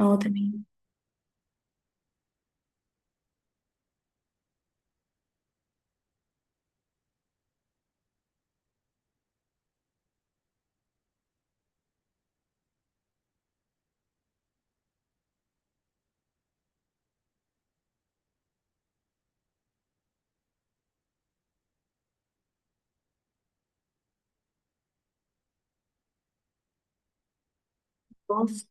اه، تمام. بص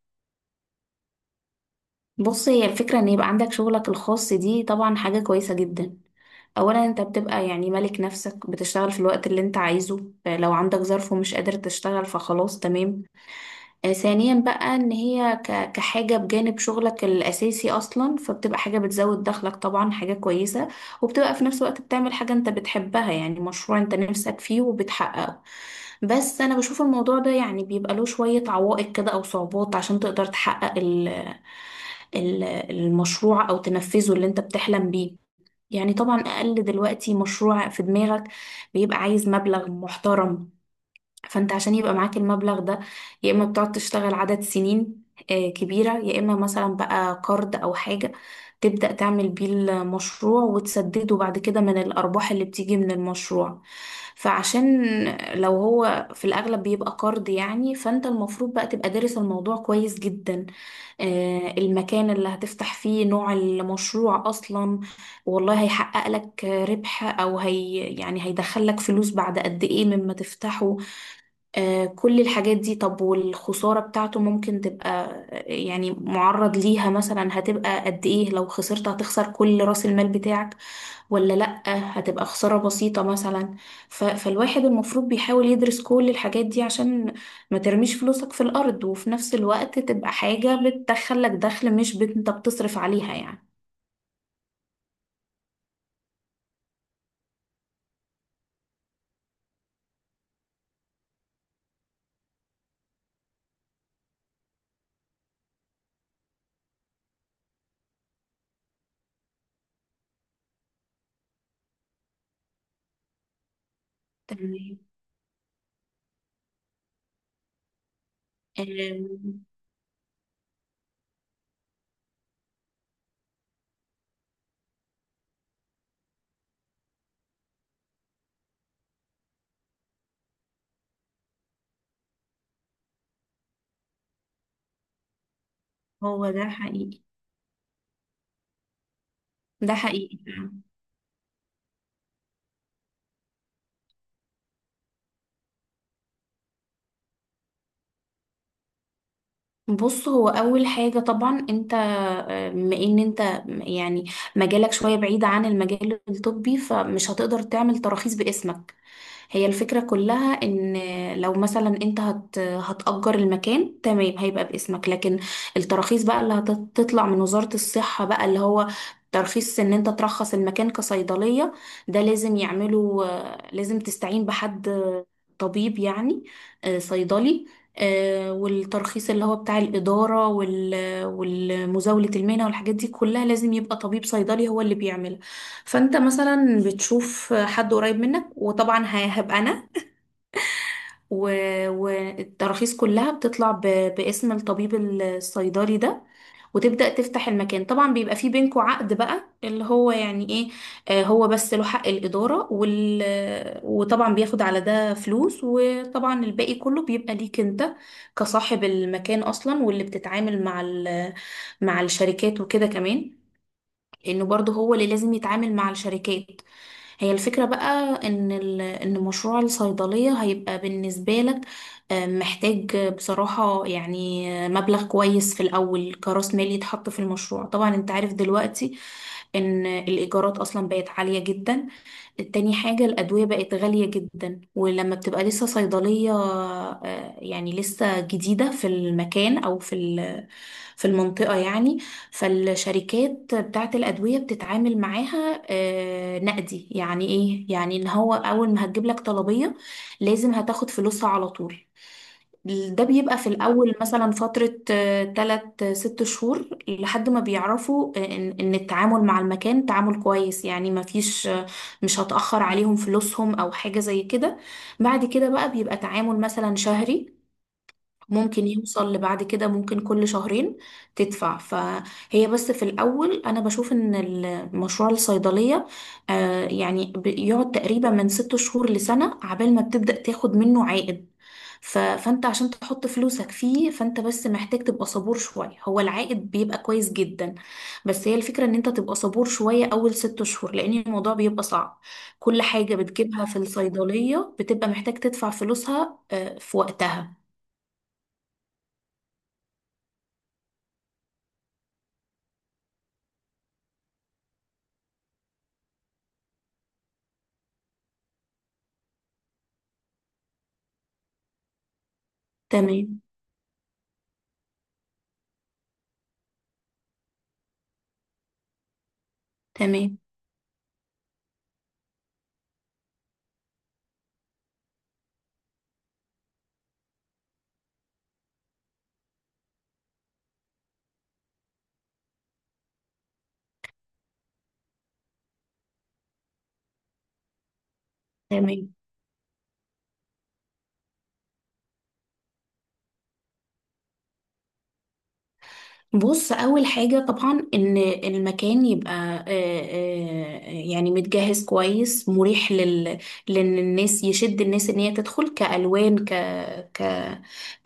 بص هي الفكرة ان يبقى عندك شغلك الخاص دي طبعا حاجة كويسة جدا. اولا انت بتبقى يعني مالك نفسك، بتشتغل في الوقت اللي انت عايزه، لو عندك ظرف ومش قادر تشتغل فخلاص تمام. ثانيا بقى ان هي كحاجة بجانب شغلك الاساسي اصلا فبتبقى حاجة بتزود دخلك، طبعا حاجة كويسة، وبتبقى في نفس الوقت بتعمل حاجة انت بتحبها، يعني مشروع انت نفسك فيه وبتحققه. بس انا بشوف الموضوع ده يعني بيبقى له شوية عوائق كده او صعوبات عشان تقدر تحقق ال- المشروع او تنفذه اللي انت بتحلم بيه. يعني طبعا اقل دلوقتي مشروع في دماغك بيبقى عايز مبلغ محترم، فانت عشان يبقى معاك المبلغ ده، يا اما بتقعد تشتغل عدد سنين كبيرة، يا اما مثلا بقى قرض او حاجة تبدأ تعمل بيه المشروع وتسدده بعد كده من الارباح اللي بتيجي من المشروع. فعشان لو هو في الاغلب بيبقى قرض يعني، فانت المفروض بقى تبقى دارس الموضوع كويس جدا. المكان اللي هتفتح فيه، نوع المشروع اصلا، والله هيحقق لك ربح او هي يعني هيدخلك فلوس بعد قد ايه مما تفتحه، كل الحاجات دي. طب والخسارة بتاعته ممكن تبقى يعني معرض ليها، مثلا هتبقى قد ايه؟ لو خسرت هتخسر كل رأس المال بتاعك ولا لأ؟ هتبقى خسارة بسيطة مثلا. فالواحد المفروض بيحاول يدرس كل الحاجات دي، عشان ما ترميش فلوسك في الأرض، وفي نفس الوقت تبقى حاجة بتدخلك دخل مش انت بتصرف عليها يعني. تمام. آم، هو ده حقيقي، ده حقيقي. بص، هو اول حاجه طبعا انت بما ان انت يعني مجالك شويه بعيد عن المجال الطبي، فمش هتقدر تعمل تراخيص باسمك. هي الفكره كلها ان لو مثلا انت هتأجر المكان تمام، هيبقى باسمك، لكن التراخيص بقى اللي هتطلع من وزاره الصحه، بقى اللي هو ترخيص ان انت ترخص المكان كصيدليه، ده لازم يعملوا لازم تستعين بحد طبيب يعني، صيدلي. والترخيص اللي هو بتاع الإدارة والمزاولة المهنة والحاجات دي كلها لازم يبقى طبيب صيدلي هو اللي بيعملها. فأنت مثلا بتشوف حد قريب منك، وطبعا هبقى أنا، والتراخيص كلها بتطلع باسم الطبيب الصيدلي ده، وتبدأ تفتح المكان. طبعا بيبقى في بينكوا عقد بقى اللي هو يعني ايه، آه، هو بس له حق الإدارة وال... وطبعا بياخد على ده فلوس، وطبعا الباقي كله بيبقى ليك انت كصاحب المكان أصلا، واللي بتتعامل مع ال... مع الشركات وكده كمان، لانه برضه هو اللي لازم يتعامل مع الشركات. هي الفكرة بقى ان ان مشروع الصيدلية هيبقى بالنسبة لك محتاج بصراحة يعني مبلغ كويس في الاول كرأس مال يتحط في المشروع. طبعا انت عارف دلوقتي ان الايجارات اصلا بقت عالية جدا. تاني حاجة، الأدوية بقت غالية جدا. ولما بتبقى لسه صيدلية يعني لسه جديدة في المكان أو في في المنطقة يعني، فالشركات بتاعة الأدوية بتتعامل معاها نقدي. يعني إيه؟ يعني إن هو أول ما هتجيب لك طلبية لازم هتاخد فلوسها على طول. ده بيبقى في الأول مثلا فترة تلات ست شهور، لحد ما بيعرفوا إن التعامل مع المكان تعامل كويس، يعني مفيش مش هتأخر عليهم فلوسهم أو حاجة زي كده. بعد كده بقى بيبقى تعامل مثلا شهري، ممكن يوصل لبعد كده ممكن كل شهرين تدفع. فهي بس في الأول أنا بشوف إن المشروع الصيدلية يعني بيقعد تقريبا من ست شهور لسنة عبال ما بتبدأ تاخد منه عائد. فأنت عشان تحط فلوسك فيه، فأنت بس محتاج تبقى صبور شوية، هو العائد بيبقى كويس جدا. بس هي الفكرة إن أنت تبقى صبور شوية أول ست شهور، لأن الموضوع بيبقى صعب، كل حاجة بتجيبها في الصيدلية بتبقى محتاج تدفع فلوسها آه في وقتها. تمام. تمام تمام. بص، اول حاجه طبعا ان المكان يبقى يعني متجهز كويس مريح لل، لان الناس يشد الناس ان هي تدخل كالوان ك ك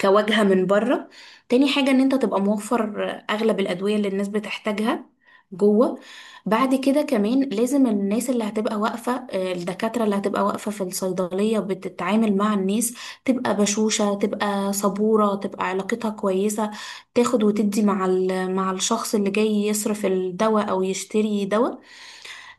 كواجهه من بره. تاني حاجه ان انت تبقى موفر اغلب الادويه اللي الناس بتحتاجها جوه. بعد كده كمان لازم الناس اللي هتبقى واقفه الدكاتره اللي هتبقى واقفه في الصيدليه بتتعامل مع الناس، تبقى بشوشه، تبقى صبوره، تبقى علاقتها كويسه، تاخد وتدي مع مع الشخص اللي جاي يصرف الدواء او يشتري دواء.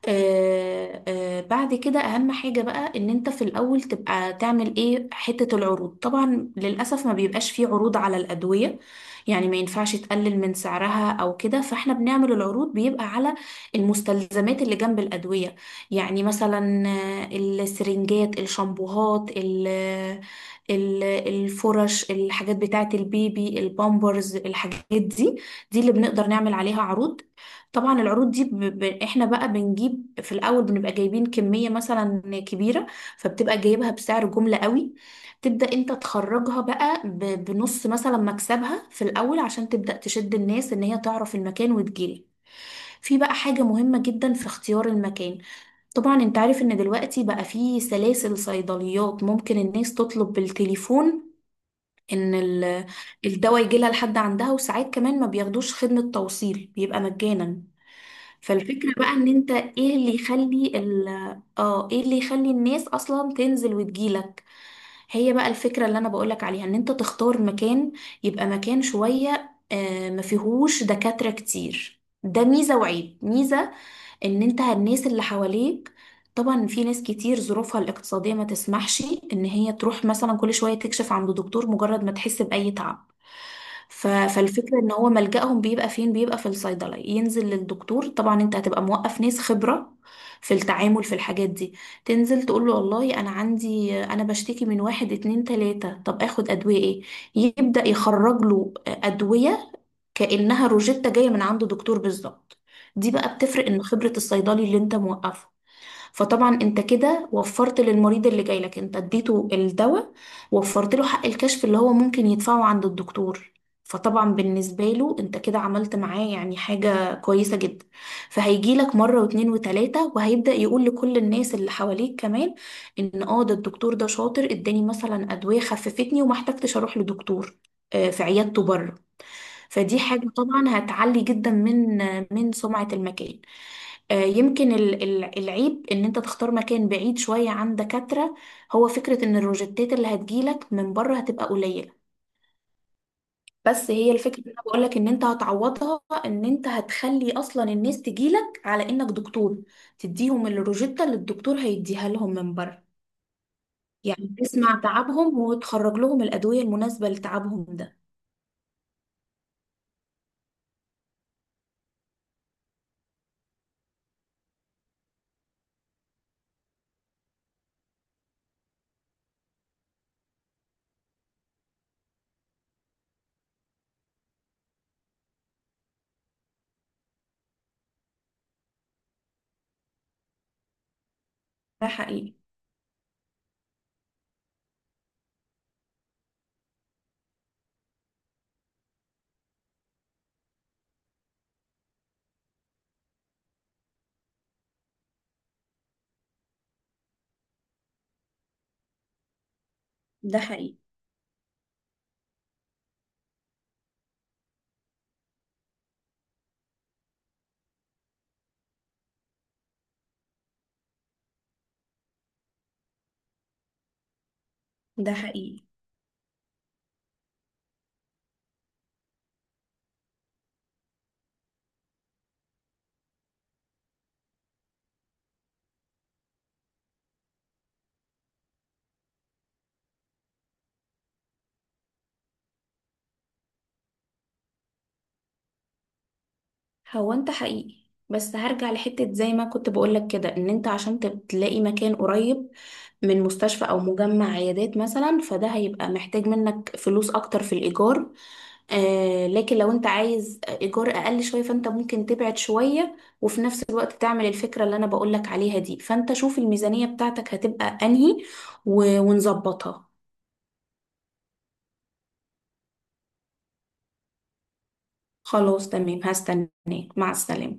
بعد كده اهم حاجة بقى ان انت في الاول تبقى تعمل ايه، حتة العروض. طبعا للأسف ما بيبقاش فيه عروض على الأدوية، يعني ما ينفعش تقلل من سعرها او كده، فاحنا بنعمل العروض بيبقى على المستلزمات اللي جنب الأدوية، يعني مثلا السرنجات، الشامبوهات، الفرش، الحاجات بتاعة البيبي، البامبرز، الحاجات دي، دي اللي بنقدر نعمل عليها عروض. طبعا العروض دي احنا بقى بنجيب في الاول، بنبقى جايبين كمية مثلا كبيرة، فبتبقى جايبها بسعر جملة قوي. تبدأ انت تخرجها بقى ب... بنص مثلا مكسبها في الاول، عشان تبدأ تشد الناس ان هي تعرف المكان وتجيلي. في بقى حاجة مهمة جدا في اختيار المكان. طبعا انت عارف ان دلوقتي بقى في سلاسل صيدليات، ممكن الناس تطلب بالتليفون ان الدواء يجيلها لحد عندها، وساعات كمان ما بياخدوش خدمة توصيل، بيبقى مجانا. فالفكرة بقى ان انت ايه اللي يخلي ال اه ايه اللي يخلي الناس اصلا تنزل وتجيلك. هي بقى الفكرة اللي انا بقولك عليها، ان انت تختار مكان يبقى مكان شوية ما فيهوش دكاترة كتير، ده ميزة وعيب. ميزة ان انت الناس اللي حواليك، طبعا في ناس كتير ظروفها الاقتصادية ما تسمحش ان هي تروح مثلا كل شوية تكشف عند دكتور مجرد ما تحس بأي تعب. فالفكرة ان هو ملجأهم بيبقى فين؟ بيبقى في الصيدلة، ينزل للدكتور. طبعا انت هتبقى موقف ناس خبرة في التعامل في الحاجات دي، تنزل تقول له والله انا عندي، انا بشتكي من واحد اتنين تلاتة، طب اخد ادوية ايه؟ يبدأ يخرج له ادوية كأنها روجيتا جاية من عند دكتور بالظبط. دي بقى بتفرق، ان خبرة الصيدلي اللي انت موقفه. فطبعا انت كده وفرت للمريض اللي جاي لك، انت اديته الدواء، وفرت له حق الكشف اللي هو ممكن يدفعه عند الدكتور، فطبعا بالنسبة له انت كده عملت معاه يعني حاجة كويسة جدا. فهيجي لك مرة واتنين وتلاتة، وهيبدأ يقول لكل الناس اللي حواليك كمان ان اه ده الدكتور ده شاطر، اداني مثلا ادوية خففتني وما احتجتش اروح لدكتور في عيادته بره. فدي حاجة طبعا هتعلي جدا من من سمعة المكان. يمكن العيب ان انت تختار مكان بعيد شوية عن دكاترة، هو فكرة ان الروجيتات اللي هتجيلك من بره هتبقى قليلة، بس هي الفكرة اللي انا بقولك ان انت هتعوضها، ان انت هتخلي اصلا الناس تجيلك على انك دكتور، تديهم الروجيتا اللي الدكتور هيديها لهم من بره، يعني تسمع تعبهم وتخرج لهم الأدوية المناسبة لتعبهم ده. ده حقيقي ده حقيقي ده حقيقي. هو انت حقيقي، بس هرجع لحتة زي ما كنت بقولك كده، ان انت عشان تلاقي مكان قريب من مستشفى او مجمع عيادات مثلا، فده هيبقى محتاج منك فلوس اكتر في الايجار. آه، لكن لو انت عايز ايجار اقل شوية، فانت ممكن تبعد شوية وفي نفس الوقت تعمل الفكرة اللي انا بقولك عليها دي. فانت شوف الميزانية بتاعتك هتبقى انهي ونظبطها. خلاص تمام، هستناك. مع السلامة.